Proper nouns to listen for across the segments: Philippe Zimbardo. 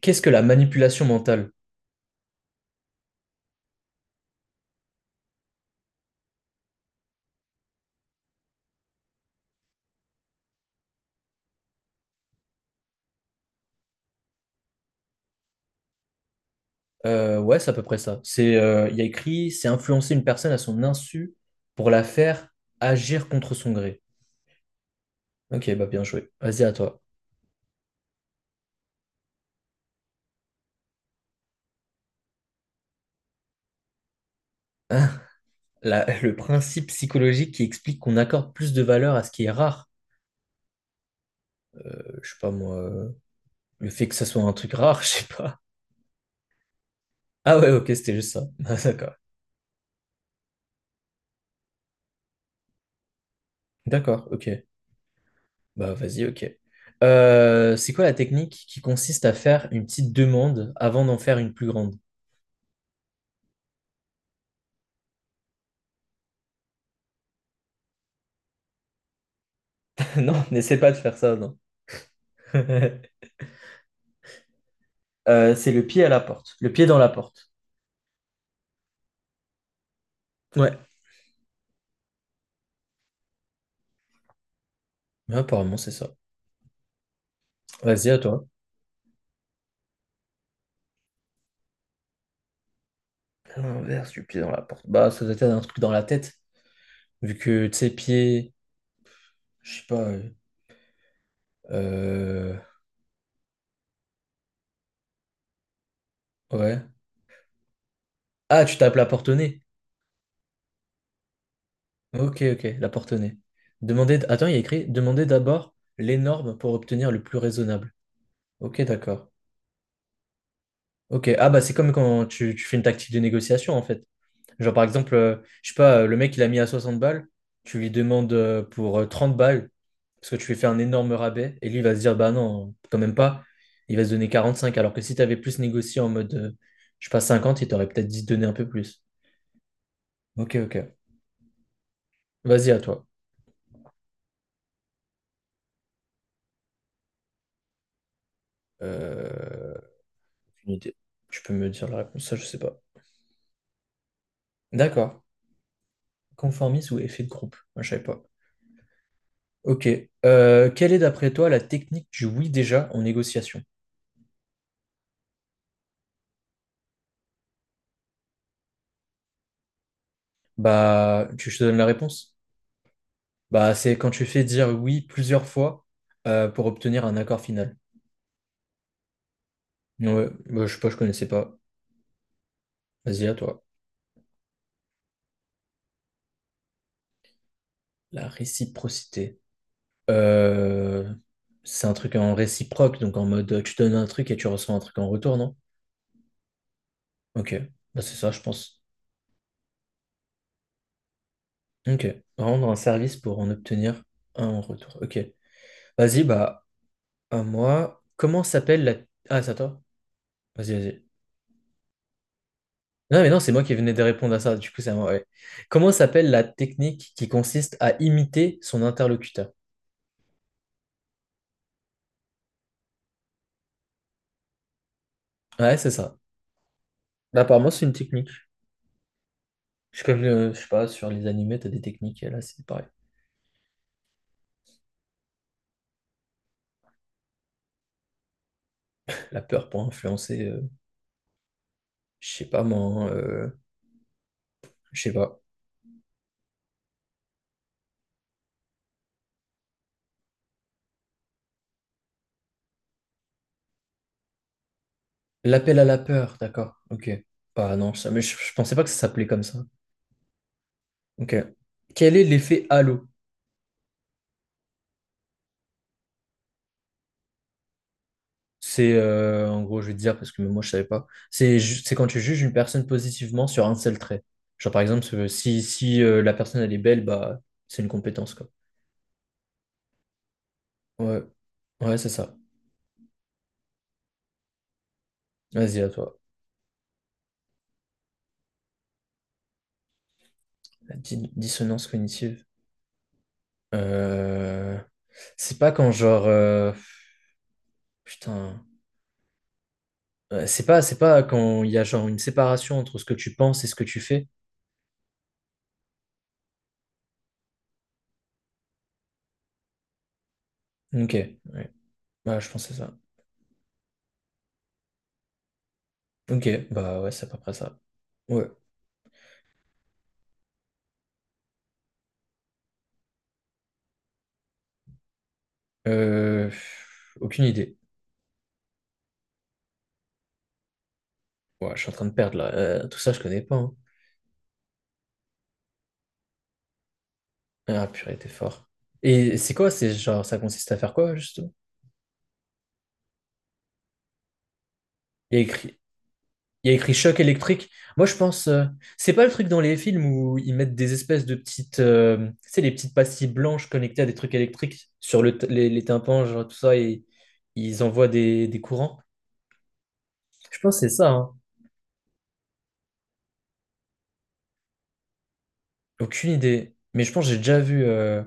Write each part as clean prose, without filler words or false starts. Qu'est-ce que la manipulation mentale? Ouais, c'est à peu près ça. C'est, il y a écrit, c'est influencer une personne à son insu pour la faire agir contre son gré. Ok, bah bien joué. Vas-y à toi. Le principe psychologique qui explique qu'on accorde plus de valeur à ce qui est rare. Je sais pas moi, le fait que ça soit un truc rare, je sais pas. Ah ouais, ok, c'était juste ça. Ah, d'accord. D'accord, ok. Bah vas-y, ok. C'est quoi la technique qui consiste à faire une petite demande avant d'en faire une plus grande? Non, n'essaie pas de faire ça, non. C'est le pied à la porte. Le pied dans la porte. Ouais, mais apparemment, c'est ça. Vas-y, à toi. L'inverse du pied dans la porte. Bah, ça doit être un truc dans la tête. Vu que, tu sais, pied, je sais pas, euh, ouais. Ah, tu tapes la porte au nez. Ok, ok, la porte au nez. Demandez, attends, il y a écrit, demandez d'abord les normes pour obtenir le plus raisonnable. Ok, d'accord. Ok, ah bah c'est comme quand tu fais une tactique de négociation en fait. Genre, par exemple, je sais pas, le mec, il a mis à 60 balles, tu lui demandes pour 30 balles, parce que tu lui fais un énorme rabais, et lui, il va se dire, bah non, quand même pas, il va se donner 45, alors que si tu avais plus négocié en mode, je sais pas, 50, il t'aurait peut-être dit donner un peu plus. Ok, ok. Vas-y, à toi. Euh, Aucune idée. Tu peux me dire la réponse, ça, je sais pas. D'accord. Conformisme ou effet de groupe? Moi, je savais pas. Ok. Quelle est, d'après toi, la technique du oui déjà en négociation? Bah, tu je te donne la réponse? Bah, c'est quand tu fais dire oui plusieurs fois, pour obtenir un accord final. Ouais, bah, je sais pas, je connaissais pas. Vas-y, à toi. La réciprocité. Euh, c'est un truc en réciproque, donc en mode, tu donnes un truc et tu reçois un truc en retour, non? Ok, bah, c'est ça, je pense. Ok, rendre un service pour en obtenir un en retour. Ok, vas-y, bah, à moi. Comment s'appelle la. Ah, c'est à toi? Vas-y, vas-y. Non, mais non, c'est moi qui venais de répondre à ça. Du coup, c'est à moi, ouais. Comment s'appelle la technique qui consiste à imiter son interlocuteur? Ouais, c'est ça. Bah, apparemment, c'est une technique. Comme, je sais pas, sur les animés, t'as des techniques. Et là, c'est pareil. La peur pour influencer, je sais pas, moi, hein, je sais pas. L'appel à la peur, d'accord. Ok. Bah, non, ça, mais je pensais pas que ça s'appelait comme ça. Ok. Quel est l'effet halo? C'est, en gros, je vais te dire, parce que même moi, je savais pas. C'est quand tu juges une personne positivement sur un seul trait. Genre, par exemple, si la personne, elle est belle, bah, c'est une compétence, quoi. Ouais, ouais, c'est ça. Vas-y, à toi. La dissonance cognitive. Euh, C'est pas quand, genre, putain. C'est pas quand il y a, genre, une séparation entre ce que tu penses et ce que tu fais. Ok, ouais. Bah, je pensais ça. Ok, bah ouais, c'est à peu près ça. Ouais. Euh, Aucune idée. Ouais, je suis en train de perdre là. Tout ça, je connais pas, hein. Ah purée, t'es fort. Et c'est quoi? C'est genre, ça consiste à faire quoi, justement? Il y a écrit, il y a écrit choc électrique. Moi, je pense, c'est pas le truc dans les films où ils mettent des espèces de petites, tu sais, les petites pastilles blanches connectées à des trucs électriques sur les tympans, genre tout ça, et ils envoient des courants. Je pense que c'est ça, hein. Aucune idée. Mais je pense que j'ai déjà vu,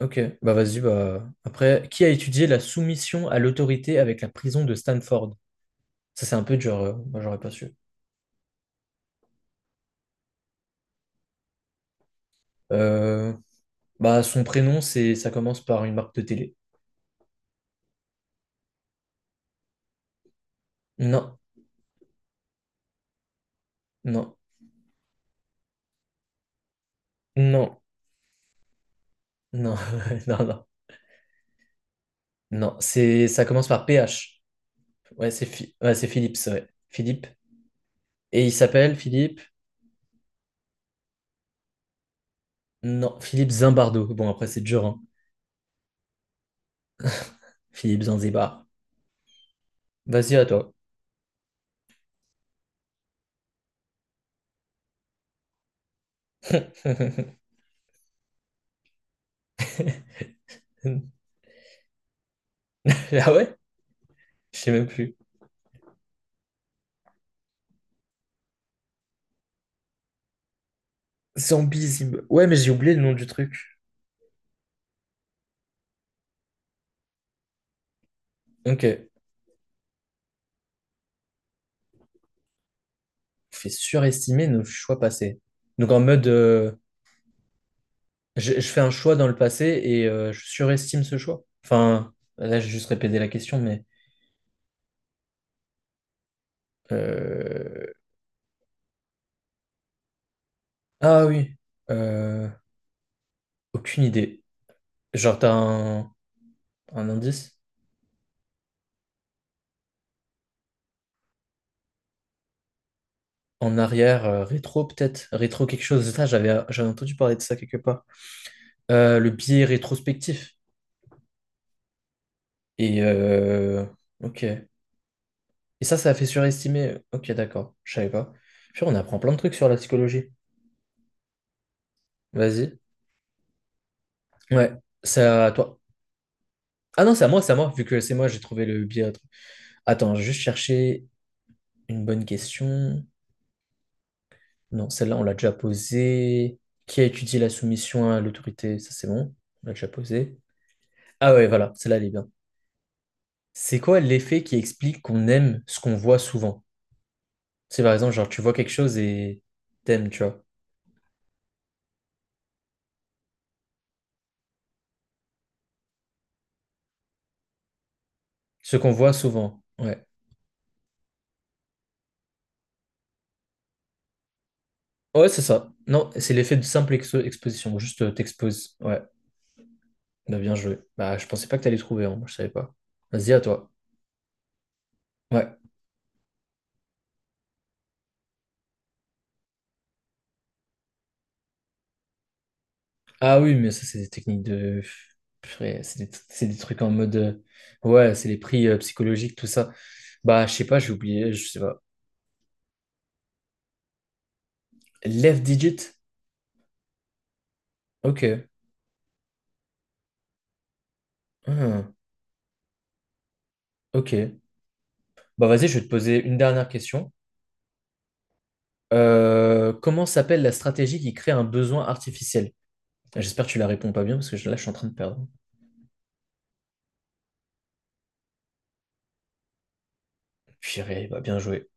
ok, bah vas-y, bah après, qui a étudié la soumission à l'autorité avec la prison de Stanford? Ça, c'est un peu dur, moi, j'aurais pas su. Euh, Bah, son prénom, c'est, ça commence par une marque de télé. Non, non, non, non, non, non, non. C'est, ça commence par PH. Ouais, ouais, c'est Philips, ouais. Philippe. Et il s'appelle Philippe. Non, Philippe Zimbardo. Bon, après, c'est dur, hein. Philippe Zanzibar. Vas-y, à toi. Ah ouais? Je sais même plus. Zambizib. Ouais, mais j'ai oublié le nom du truc. Ok. On fait surestimer nos choix passés. Donc en mode, je fais un choix dans le passé et, je surestime ce choix. Enfin, là, j'ai juste répété la question, mais, euh, ah oui, euh, aucune idée. Genre, t'as un indice? En arrière, rétro peut-être? Rétro quelque chose. Ça, j'avais entendu parler de ça quelque part. Le biais rétrospectif. Et... euh, Ok. Et ça a fait surestimer. Ok, d'accord. Je savais pas. Puis on apprend plein de trucs sur la psychologie. Vas-y. Ouais, c'est à toi. Ah non, c'est à moi, vu que c'est moi, j'ai trouvé le biais. Attends, je vais juste chercher une bonne question. Non, celle-là, on l'a déjà posée. Qui a étudié la soumission à l'autorité? Ça, c'est bon. On l'a déjà posée. Ah ouais, voilà, celle-là, elle est bien. C'est quoi l'effet qui explique qu'on aime ce qu'on voit souvent? C'est par exemple, genre, tu vois quelque chose et t'aimes, tu vois. Ce qu'on voit souvent. Ouais. Ouais, c'est ça. Non, c'est l'effet de simple exposition. Juste, t'exposes. Ouais. Bah, bien joué. Bah, je pensais pas que t'allais trouver, hein. Je savais pas. Vas-y, à toi. Ouais. Ah oui, mais ça, c'est des techniques de, purée, c'est des trucs en mode, ouais, c'est les prix, psychologiques, tout ça. Bah, je sais pas, j'ai oublié, je sais pas. Left digit? Ok. Ah, ok. Bah, vas-y, je vais te poser une dernière question. Comment s'appelle la stratégie qui crée un besoin artificiel? J'espère que tu la réponds pas bien, parce que là, je suis en train de perdre. Purée, bah, bien joué.